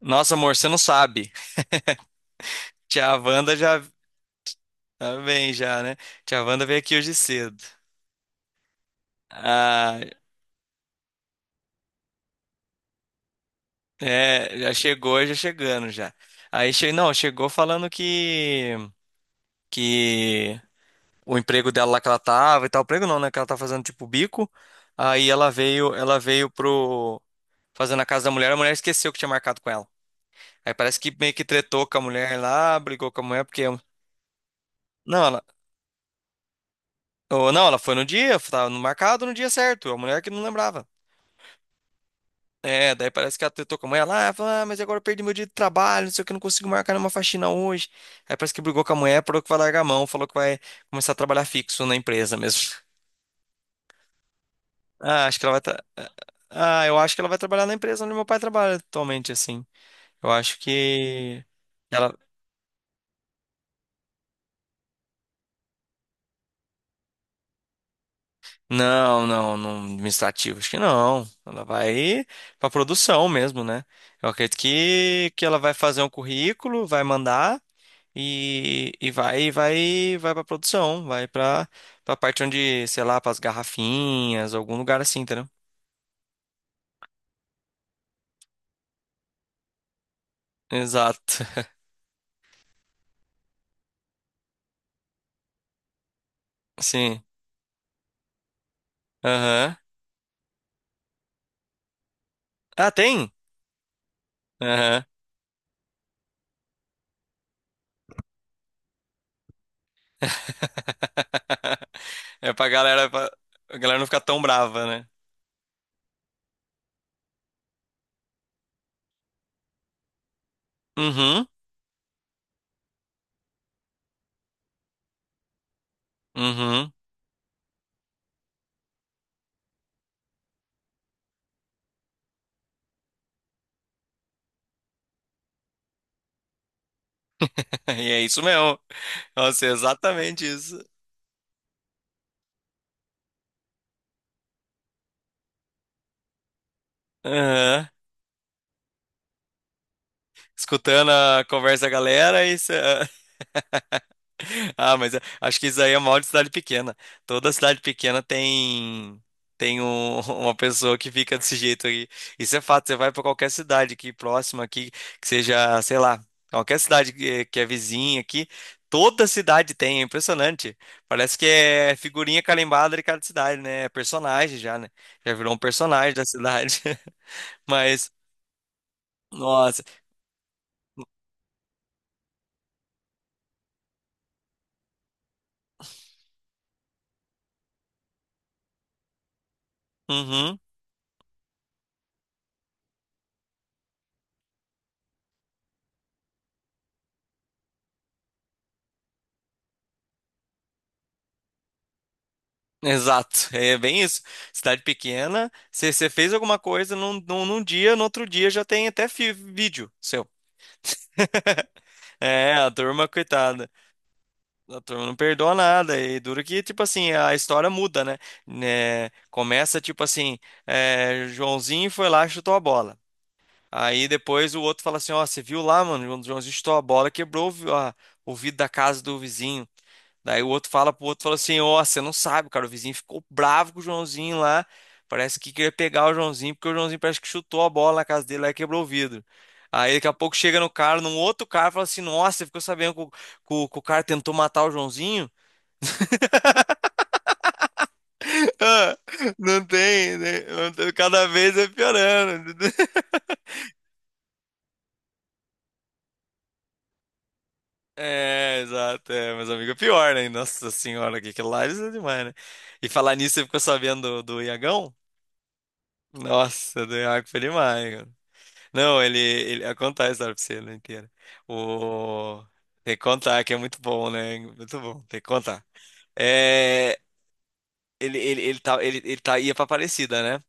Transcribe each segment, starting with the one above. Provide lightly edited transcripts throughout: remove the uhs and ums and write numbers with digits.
Nossa, amor, você não sabe. Tia Wanda já tá bem já, né? Tia Wanda veio aqui hoje cedo. Ah, é, já chegou, já chegando já. Não, chegou falando que o emprego dela lá que ela tava e tal, emprego não, né, que ela tá fazendo tipo bico. Aí ela veio pro fazendo a casa da mulher, a mulher esqueceu que tinha marcado com ela. Aí parece que meio que tretou com a mulher lá, brigou com a mulher porque não, ela, ou, não, ela foi no dia, tava no marcado no dia certo, a mulher que não lembrava. É, daí parece que ela tretou com a mãe lá, ela ah, fala, ah, mas agora eu perdi meu dia de trabalho, não sei o que, não consigo marcar nenhuma faxina hoje. Aí parece que brigou com a mulher, falou que vai largar a mão, falou que vai começar a trabalhar fixo na empresa mesmo. Ah, acho que ela vai tra... Ah, eu acho que ela vai trabalhar na empresa onde meu pai trabalha atualmente, assim. Eu acho que ela Não, não, não administrativo, acho que não. Ela vai pra produção mesmo, né? Eu acredito que ela vai fazer um currículo, vai mandar. E vai, vai pra produção, vai pra, pra parte onde, sei lá, pras garrafinhas, algum lugar assim, entendeu? Exato. Sim. Aham. Ah, tem? Aham. É pra galera, pra, a galera não ficar tão brava, né? Uhum. Uhum. E é isso mesmo. Nossa, é exatamente isso. Aham. Escutando a conversa da galera, isso. Ah, mas eu acho que isso aí é mal de cidade pequena. Toda cidade pequena tem uma pessoa que fica desse jeito aí. Isso é fato. Você vai para qualquer cidade aqui próxima aqui, que seja, sei lá, qualquer cidade que é vizinha aqui, toda cidade tem. É impressionante. Parece que é figurinha carimbada de cada cidade, né? É personagem já, né? Já virou um personagem da cidade. Mas, nossa. Uhum. Exato, é bem isso. Cidade pequena, você fez alguma coisa num dia, no outro dia já tem vídeo seu. É, a turma, coitada. A turma não perdoa nada. E duro que, tipo assim, a história muda, né? Né, começa, tipo assim, é, Joãozinho foi lá e chutou a bola. Aí depois o outro fala assim, ó, você viu lá, mano? O Joãozinho chutou a bola, quebrou o vidro da casa do vizinho. Daí o outro fala pro outro, fala assim, ó, você não sabe, cara, o vizinho ficou bravo com o Joãozinho lá, parece que queria pegar o Joãozinho, porque o Joãozinho parece que chutou a bola na casa dele lá e quebrou o vidro. Aí daqui a pouco chega no cara, num outro cara, fala assim, nossa, você ficou sabendo que o cara tentou matar o Joãozinho? Ah, não tem, né? Não tem- Cada vez é piorando. É, exato, é, mas amigo, é pior, né? Nossa senhora, que aquilo lá isso é demais, né? E falar nisso, você ficou sabendo do Iagão? Nossa, do Iago foi demais. Não, ele eu contar a história pra você né, inteira. O Tem que contar que é muito bom, né? Muito bom, tem que contar. É, ele tá ia pra Aparecida, né?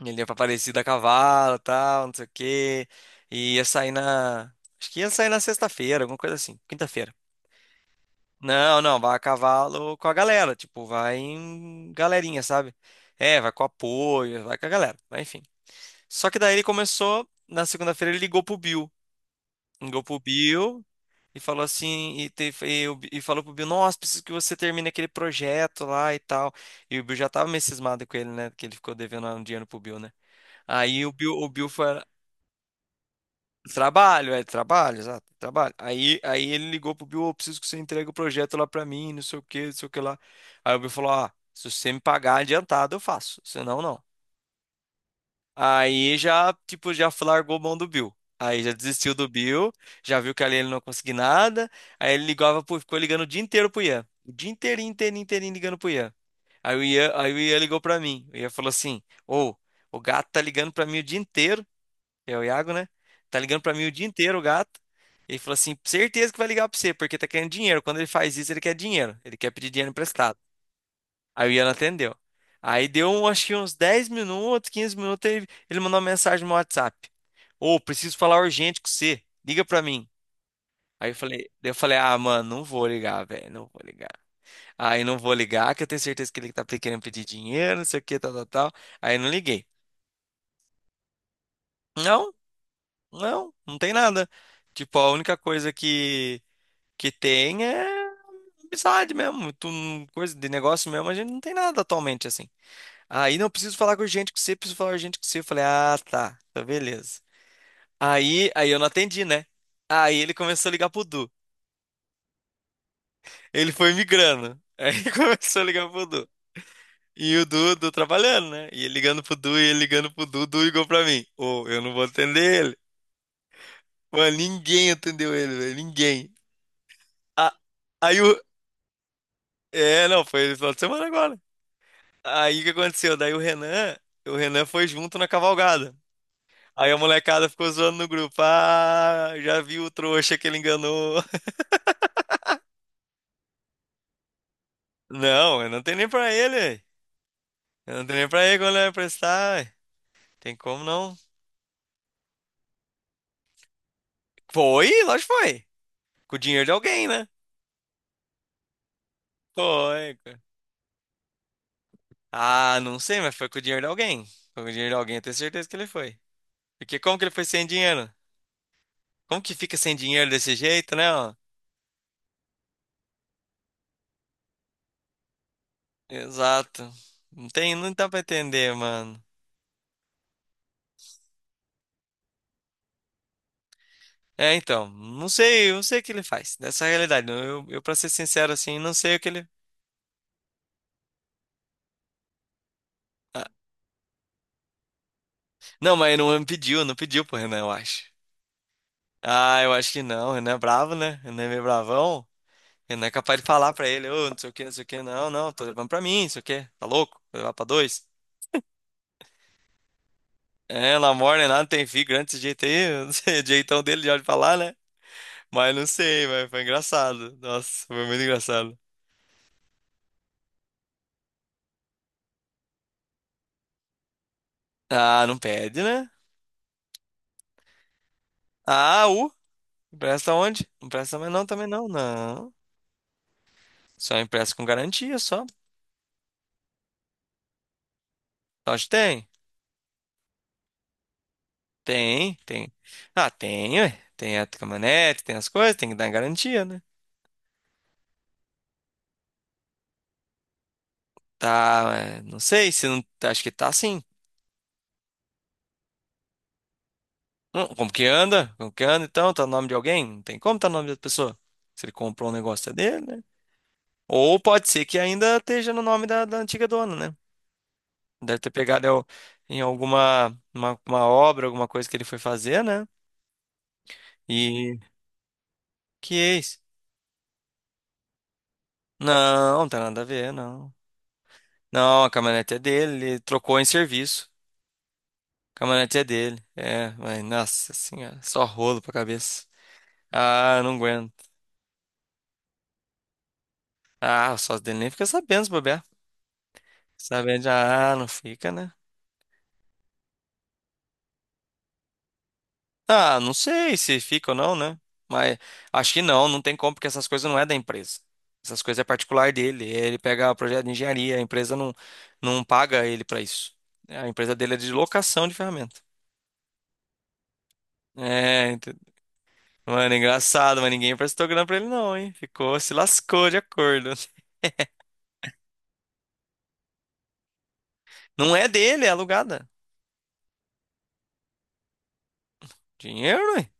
Ele ia pra Aparecida a cavalo, tal, não sei o quê. E ia sair na Acho que ia sair na sexta-feira, alguma coisa assim, quinta-feira. Não, não, vai a cavalo com a galera, tipo, vai em galerinha, sabe? É, vai com apoio, vai com a galera, mas enfim. Só que daí ele começou, na segunda-feira ele ligou pro Bill. Ligou pro Bill, e falou assim, e, te, e, o Bi- e falou pro Bill, nossa, preciso que você termine aquele projeto lá e tal. E o Bill já tava meio cismado com ele, né? Que ele ficou devendo um dinheiro pro Bill, né? Aí o Bill, foi. Trabalho, é, trabalho, exato, trabalho. Aí ele ligou pro Bill, "Ô, preciso que você entregue o projeto lá pra mim, não sei o que, não sei o que lá." Aí o Bill falou, ah, se você me pagar adiantado, eu faço. Senão, não. Aí já, tipo, já largou mão do Bill. Aí já desistiu do Bill, já viu que ali ele não conseguia nada. Aí ele ligava, ficou ligando o dia inteiro pro Ian. O dia inteirinho, inteirinho, inteirinho ligando pro Ian. Aí o Ian, aí o Ian ligou pra mim. O Ian falou assim: ô, o gato tá ligando pra mim o dia inteiro. É o Iago, né? Tá ligando pra mim o dia inteiro o gato. Ele falou assim: certeza que vai ligar pra você, porque tá querendo dinheiro. Quando ele faz isso, ele quer dinheiro. Ele quer pedir dinheiro emprestado. Aí o Ian atendeu. Acho que uns 10 minutos, 15 minutos, ele mandou uma mensagem no WhatsApp. Ô, preciso falar urgente com você. Liga pra mim. Aí eu falei, daí eu falei, ah, mano, não vou ligar, velho, não vou ligar. Aí não vou ligar, que eu tenho certeza que ele tá querendo pedir dinheiro, não sei o que, tal, tal, tal. Aí não liguei. Não, não tem nada. Tipo, a única coisa que tem é amizade mesmo. Tu, coisa de negócio mesmo, a gente não tem nada atualmente, assim. Aí não preciso falar com urgente com você, Preciso falar urgente com você. Eu falei, ah, tá, tá, beleza. Aí eu não atendi, né? Aí ele começou a ligar pro Du. Ele foi migrando. Aí começou a ligar pro Du. E o Du, Du trabalhando, né? E ele ligando pro Du, o Du ligou pra mim. Ô, eu não vou atender ele. Mano, ninguém atendeu ele, velho, ninguém. A aí o. É, não, foi no final de semana agora. Aí o que aconteceu? O Renan foi junto na cavalgada. Aí a molecada ficou zoando no grupo. Ah, já viu o trouxa que ele enganou. Não, eu não tenho nem pra ele. Eu não tenho nem pra ele quando ele vai prestar. Ué. Tem como não? Foi, lógico que foi. Com o dinheiro de alguém, né? Foi, cara. Ah, não sei, mas foi com o dinheiro de alguém. Foi com o dinheiro de alguém, eu tenho certeza que ele foi. Porque como que ele foi sem dinheiro? Como que fica sem dinheiro desse jeito, né, ó? Exato. Não tem, não dá pra entender, mano. É, então, não sei, eu não sei o que ele faz. Nessa realidade, não, eu para ser sincero assim, não sei o que ele. Ah, não, mas ele não pediu, não pediu pro Renan, eu acho. Ah, eu acho que não. Renan é bravo, né? Renan é meio bravão. Renan é capaz de falar pra ele, ô, não sei o que, não sei o que, não, não, tô levando pra mim, não sei o que, tá louco? Vou levar pra dois. É, Lamor, nem nada, tem filho grande desse jeito aí, eu não sei, o jeitão dele já de falar, né? Mas não sei, mas foi engraçado. Nossa, foi muito engraçado. Ah, não pede, né? Ah, o. Presta onde? Não presta mais não, também não. Não. Só impressa com garantia, só. Acho tem. Tem, tem. Ah, tem, ué. Tem a caminhonete, tem as coisas, tem que dar garantia, né? Tá, é, não sei se não. Acho que tá sim. Como que anda? Como que anda então? Tá no nome de alguém? Não tem como tá no nome da pessoa. Se ele comprou um negócio é dele, né? Ou pode ser que ainda esteja no nome da antiga dona, né? Deve ter pegado é, o- em uma obra, alguma coisa que ele foi fazer, né? E. Que é isso? Não, não tem nada a ver, não. Não, a caminhonete é dele, ele trocou em serviço. A caminhonete é dele. É, mas nossa senhora, só rolo pra cabeça. Ah, não aguento. Ah, o sócio dele nem fica sabendo se bobear. Sabendo, já, ah, não fica, né? Ah, não sei se fica ou não, né? Mas acho que não, não tem como, porque essas coisas não é da empresa. Essas coisas é particular dele. Ele pega o projeto de engenharia, a empresa não, não paga ele pra isso. A empresa dele é de locação de ferramenta. É, mano, engraçado, mas ninguém emprestou grana pra ele não, hein? Ficou, se lascou de acordo. Não é dele, é alugada. Dinheiro, hein?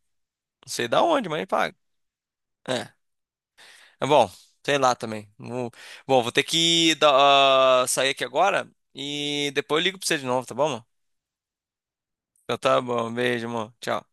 Não sei da onde, mas ele paga. É. É bom, sei lá também. Bom, vou ter que dar- ah, sair aqui agora e depois eu ligo pra você de novo, tá bom, mano? Então tá bom, beijo, amor. Tchau.